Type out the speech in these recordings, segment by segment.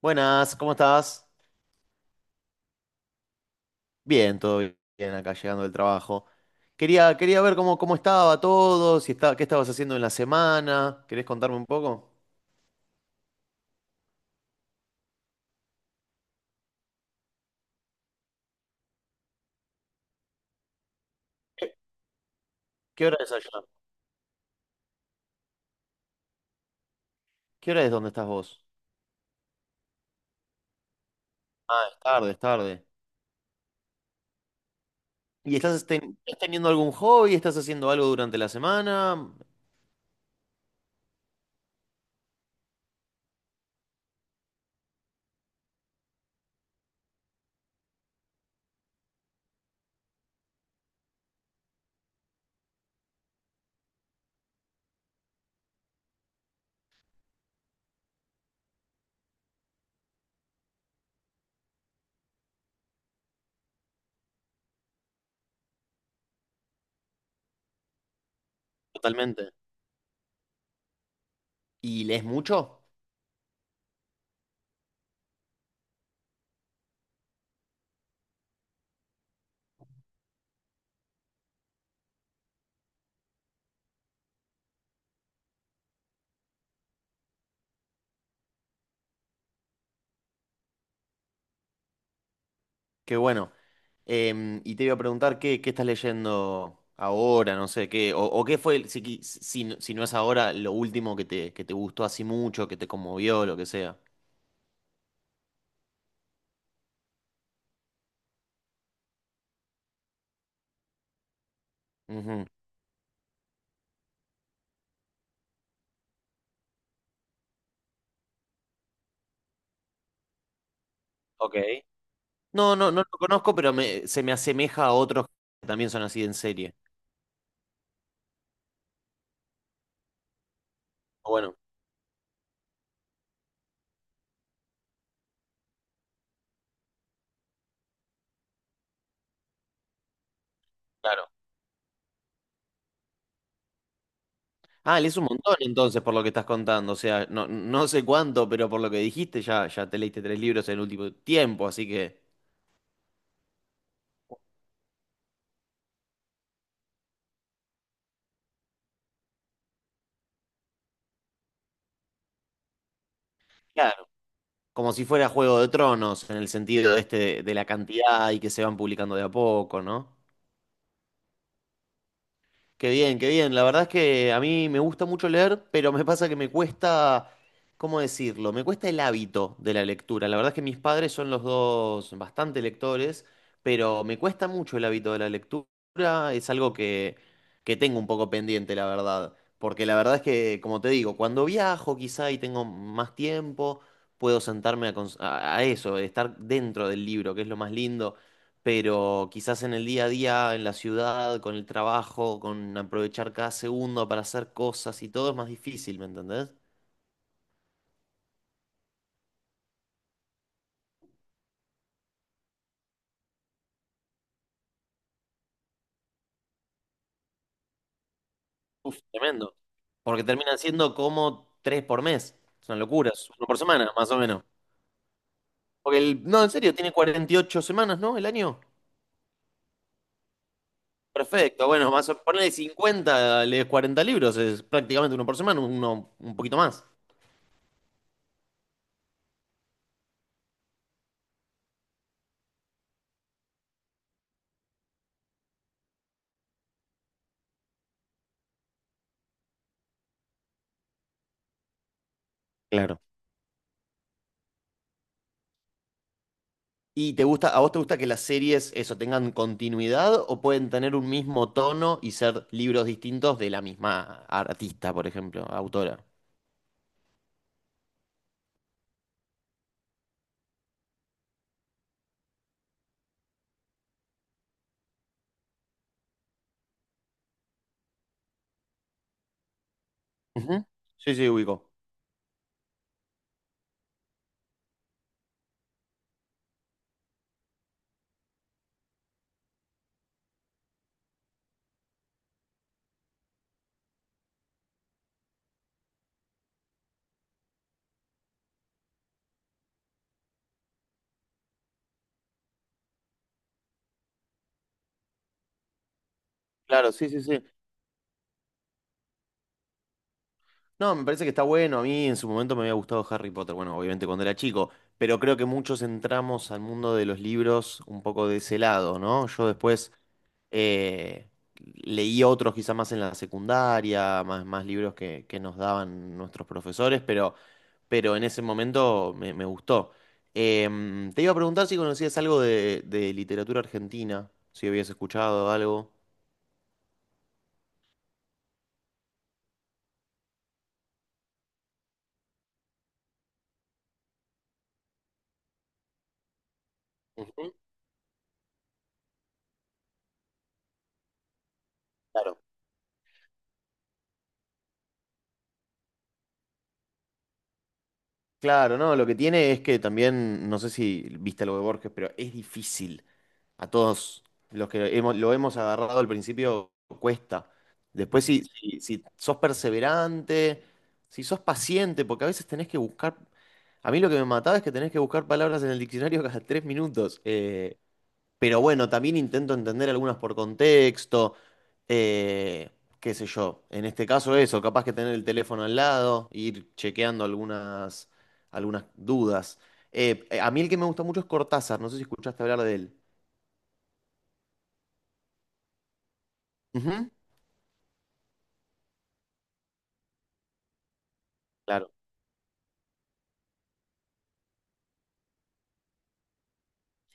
Buenas, ¿cómo estás? Bien, todo bien acá llegando del trabajo. Quería ver cómo estaba todo, si está, qué estabas haciendo en la semana. ¿Querés contarme un poco? ¿Qué, qué hora es allá? ¿Qué hora es donde estás vos? Ah, es tarde, es tarde. ¿Y estás, estás teniendo algún hobby? ¿Estás haciendo algo durante la semana? Totalmente. ¿Y lees mucho? Qué bueno. Y te iba a preguntar qué, estás leyendo ahora, no sé, o qué fue, si no es ahora, lo último que te gustó así mucho, que te conmovió, lo que sea. Ujú. Ok. No, no, no lo conozco, pero se me asemeja a otros que también son así en serie. Bueno, claro. Ah, lees un montón entonces por lo que estás contando, o sea, no sé cuánto, pero por lo que dijiste ya te leíste 3 libros en el último tiempo, así que. Claro. Como si fuera Juego de Tronos, en el sentido este de la cantidad y que se van publicando de a poco, ¿no? Qué bien, qué bien. La verdad es que a mí me gusta mucho leer, pero me pasa que me cuesta, ¿cómo decirlo? Me cuesta el hábito de la lectura. La verdad es que mis padres son los dos bastante lectores, pero me cuesta mucho el hábito de la lectura. Es algo que tengo un poco pendiente, la verdad. Porque la verdad es que, como te digo, cuando viajo quizá y tengo más tiempo, puedo sentarme a, cons- a eso, estar dentro del libro, que es lo más lindo, pero quizás en el día a día, en la ciudad, con el trabajo, con aprovechar cada segundo para hacer cosas y todo es más difícil, ¿me entendés? Uf, tremendo. Porque terminan siendo como 3 por mes. Es una locura, es uno por semana, más o menos. Porque no, en serio, tiene 48 semanas, ¿no? El año. Perfecto, bueno, ponele 50, lees 40 libros, es prácticamente uno por semana, uno un poquito más. Claro. ¿Y a vos te gusta que las series eso tengan continuidad o pueden tener un mismo tono y ser libros distintos de la misma artista, por ejemplo, autora? Ujú. Sí, sí, ubico. Claro, sí, sí, sí. No, me parece que está bueno. A mí en su momento me había gustado Harry Potter, bueno, obviamente cuando era chico, pero creo que muchos entramos al mundo de los libros un poco de ese lado, ¿no? Yo después Eh, leí otros quizá más en la secundaria, más libros que nos daban nuestros profesores, pero en ese momento me gustó. Te iba a preguntar si conocías algo de literatura argentina, si habías escuchado algo. Ujú. Claro. Claro, no, lo que tiene es que también, no sé si viste algo de Borges, pero es difícil. A todos los que lo hemos agarrado al principio cuesta. Después, si sos perseverante, si sos paciente, porque a veces tenés que buscar. A mí lo que me mataba es que tenés que buscar palabras en el diccionario cada 3 minutos. Pero bueno, también intento entender algunas por contexto. eh, Qué sé yo. En este caso, eso, capaz que tener el teléfono al lado, ir chequeando algunas dudas. A mí el que me gusta mucho es Cortázar, no sé si escuchaste hablar de él. Ujú. Claro.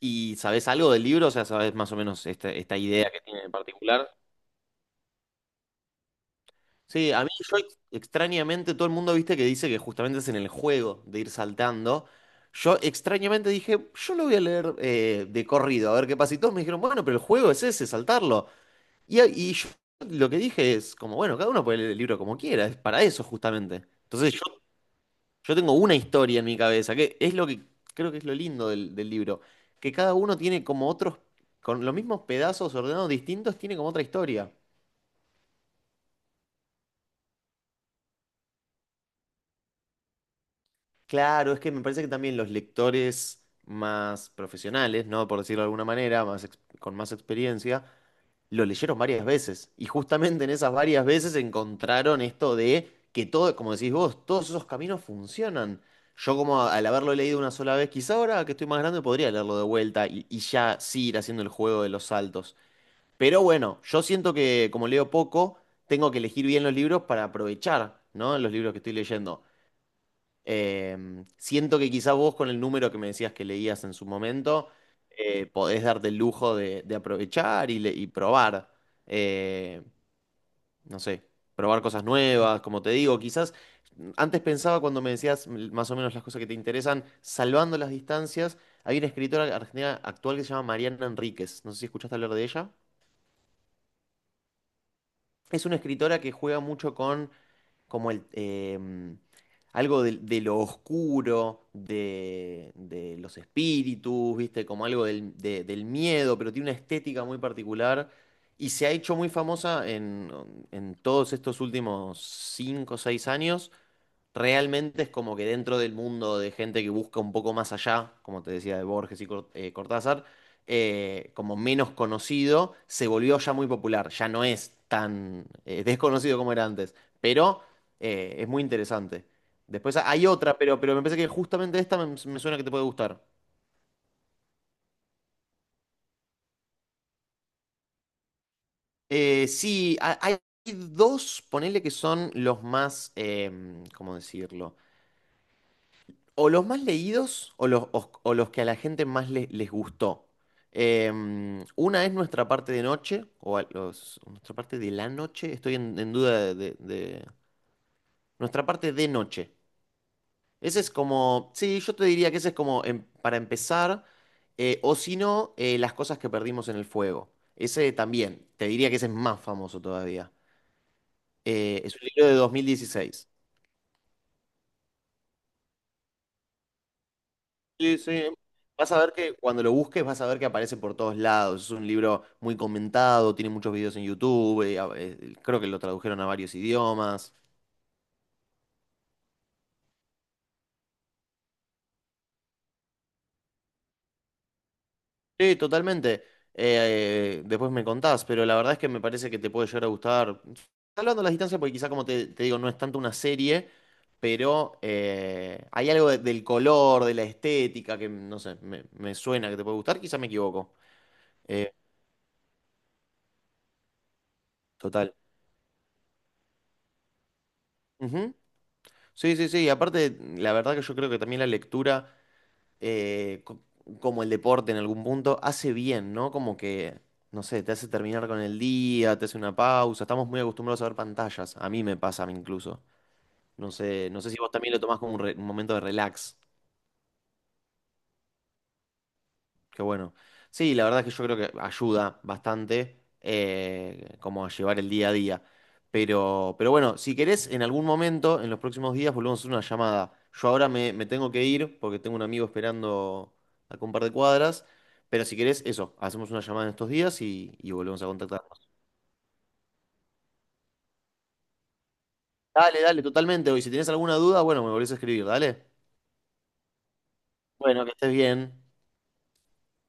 ¿Y sabes algo del libro? O sea, ¿sabes más o menos esta idea que tiene en particular? Sí, a mí yo extrañamente, todo el mundo viste que dice que justamente es en el juego de ir saltando. Yo extrañamente dije, yo lo voy a leer de corrido, a ver qué pasa. Y todos me dijeron, bueno, pero el juego es ese, saltarlo. Y yo lo que dije es, como, bueno, cada uno puede leer el libro como quiera, es para eso justamente. Entonces yo tengo una historia en mi cabeza, que es lo que creo que es lo lindo del libro, que cada uno tiene como otros, con los mismos pedazos ordenados distintos, tiene como otra historia. Claro, es que me parece que también los lectores más profesionales, ¿no? Por decirlo de alguna manera, con más experiencia, lo leyeron varias veces y justamente en esas varias veces encontraron esto de que todo, como decís vos, todos esos caminos funcionan. Yo como al haberlo leído una sola vez, quizá ahora que estoy más grande podría leerlo de vuelta y ya sí ir haciendo el juego de los saltos. Pero bueno, yo siento que como leo poco, tengo que elegir bien los libros para aprovechar, ¿no? Los libros que estoy leyendo. Eh, Siento que quizá vos con el número que me decías que leías en su momento, podés darte el lujo de aprovechar y probar, eh, no sé, probar cosas nuevas, como te digo, quizás antes pensaba cuando me decías más o menos las cosas que te interesan, salvando las distancias, hay una escritora argentina actual que se llama Mariana Enríquez, no sé si escuchaste hablar de ella. Es una escritora que juega mucho con como algo de lo oscuro, de los espíritus, ¿viste? Como algo del miedo, pero tiene una estética muy particular y se ha hecho muy famosa en todos estos últimos cinco o 6 años. Realmente es como que dentro del mundo de gente que busca un poco más allá, como te decía de Borges y Cortázar, como menos conocido, se volvió ya muy popular, ya no es tan desconocido como era antes, pero es muy interesante. Después hay otra, pero me parece que justamente esta me suena que te puede gustar. Sí, hay dos, ponele que son los más, ¿cómo decirlo? O los más leídos o o los que a la gente más les gustó. Una es nuestra parte de noche, o nuestra parte de la noche, estoy en duda de. Nuestra parte de noche. Ese es como. Sí, yo te diría que ese es como para empezar, o si no, las cosas que perdimos en el fuego. Ese también, te diría que ese es más famoso todavía. Es un libro de 2016. Sí, sí. Vas a ver que cuando lo busques vas a ver que aparece por todos lados. Es un libro muy comentado, tiene muchos videos en YouTube, creo que lo tradujeron a varios idiomas. Sí, totalmente. Después me contás, pero la verdad es que me parece que te puede llegar a gustar. Hablando de las distancias, porque quizá como te digo, no es tanto una serie, pero hay algo del color, de la estética, que no sé, me suena que te puede gustar, quizá me equivoco. Eh, Total. Ujú. Sí, sí, sí. Y aparte, la verdad que yo creo que también la lectura, eh, co- como el deporte en algún punto, hace bien, ¿no? Como que, no sé, te hace terminar con el día, te hace una pausa. Estamos muy acostumbrados a ver pantallas. A mí me pasa, a mí incluso. No sé si vos también lo tomás como un momento de relax. Qué bueno. Sí, la verdad es que yo creo que ayuda bastante como a llevar el día a día. Pero bueno, si querés, en algún momento, en los próximos días, volvemos a hacer una llamada. Yo ahora me tengo que ir porque tengo un amigo esperando a un par de cuadras. Pero si querés, eso, hacemos una llamada en estos días y volvemos a contactarnos. Dale, dale, totalmente. Y si tenés alguna duda, bueno, me volvés a escribir, dale. Bueno, que estés bien.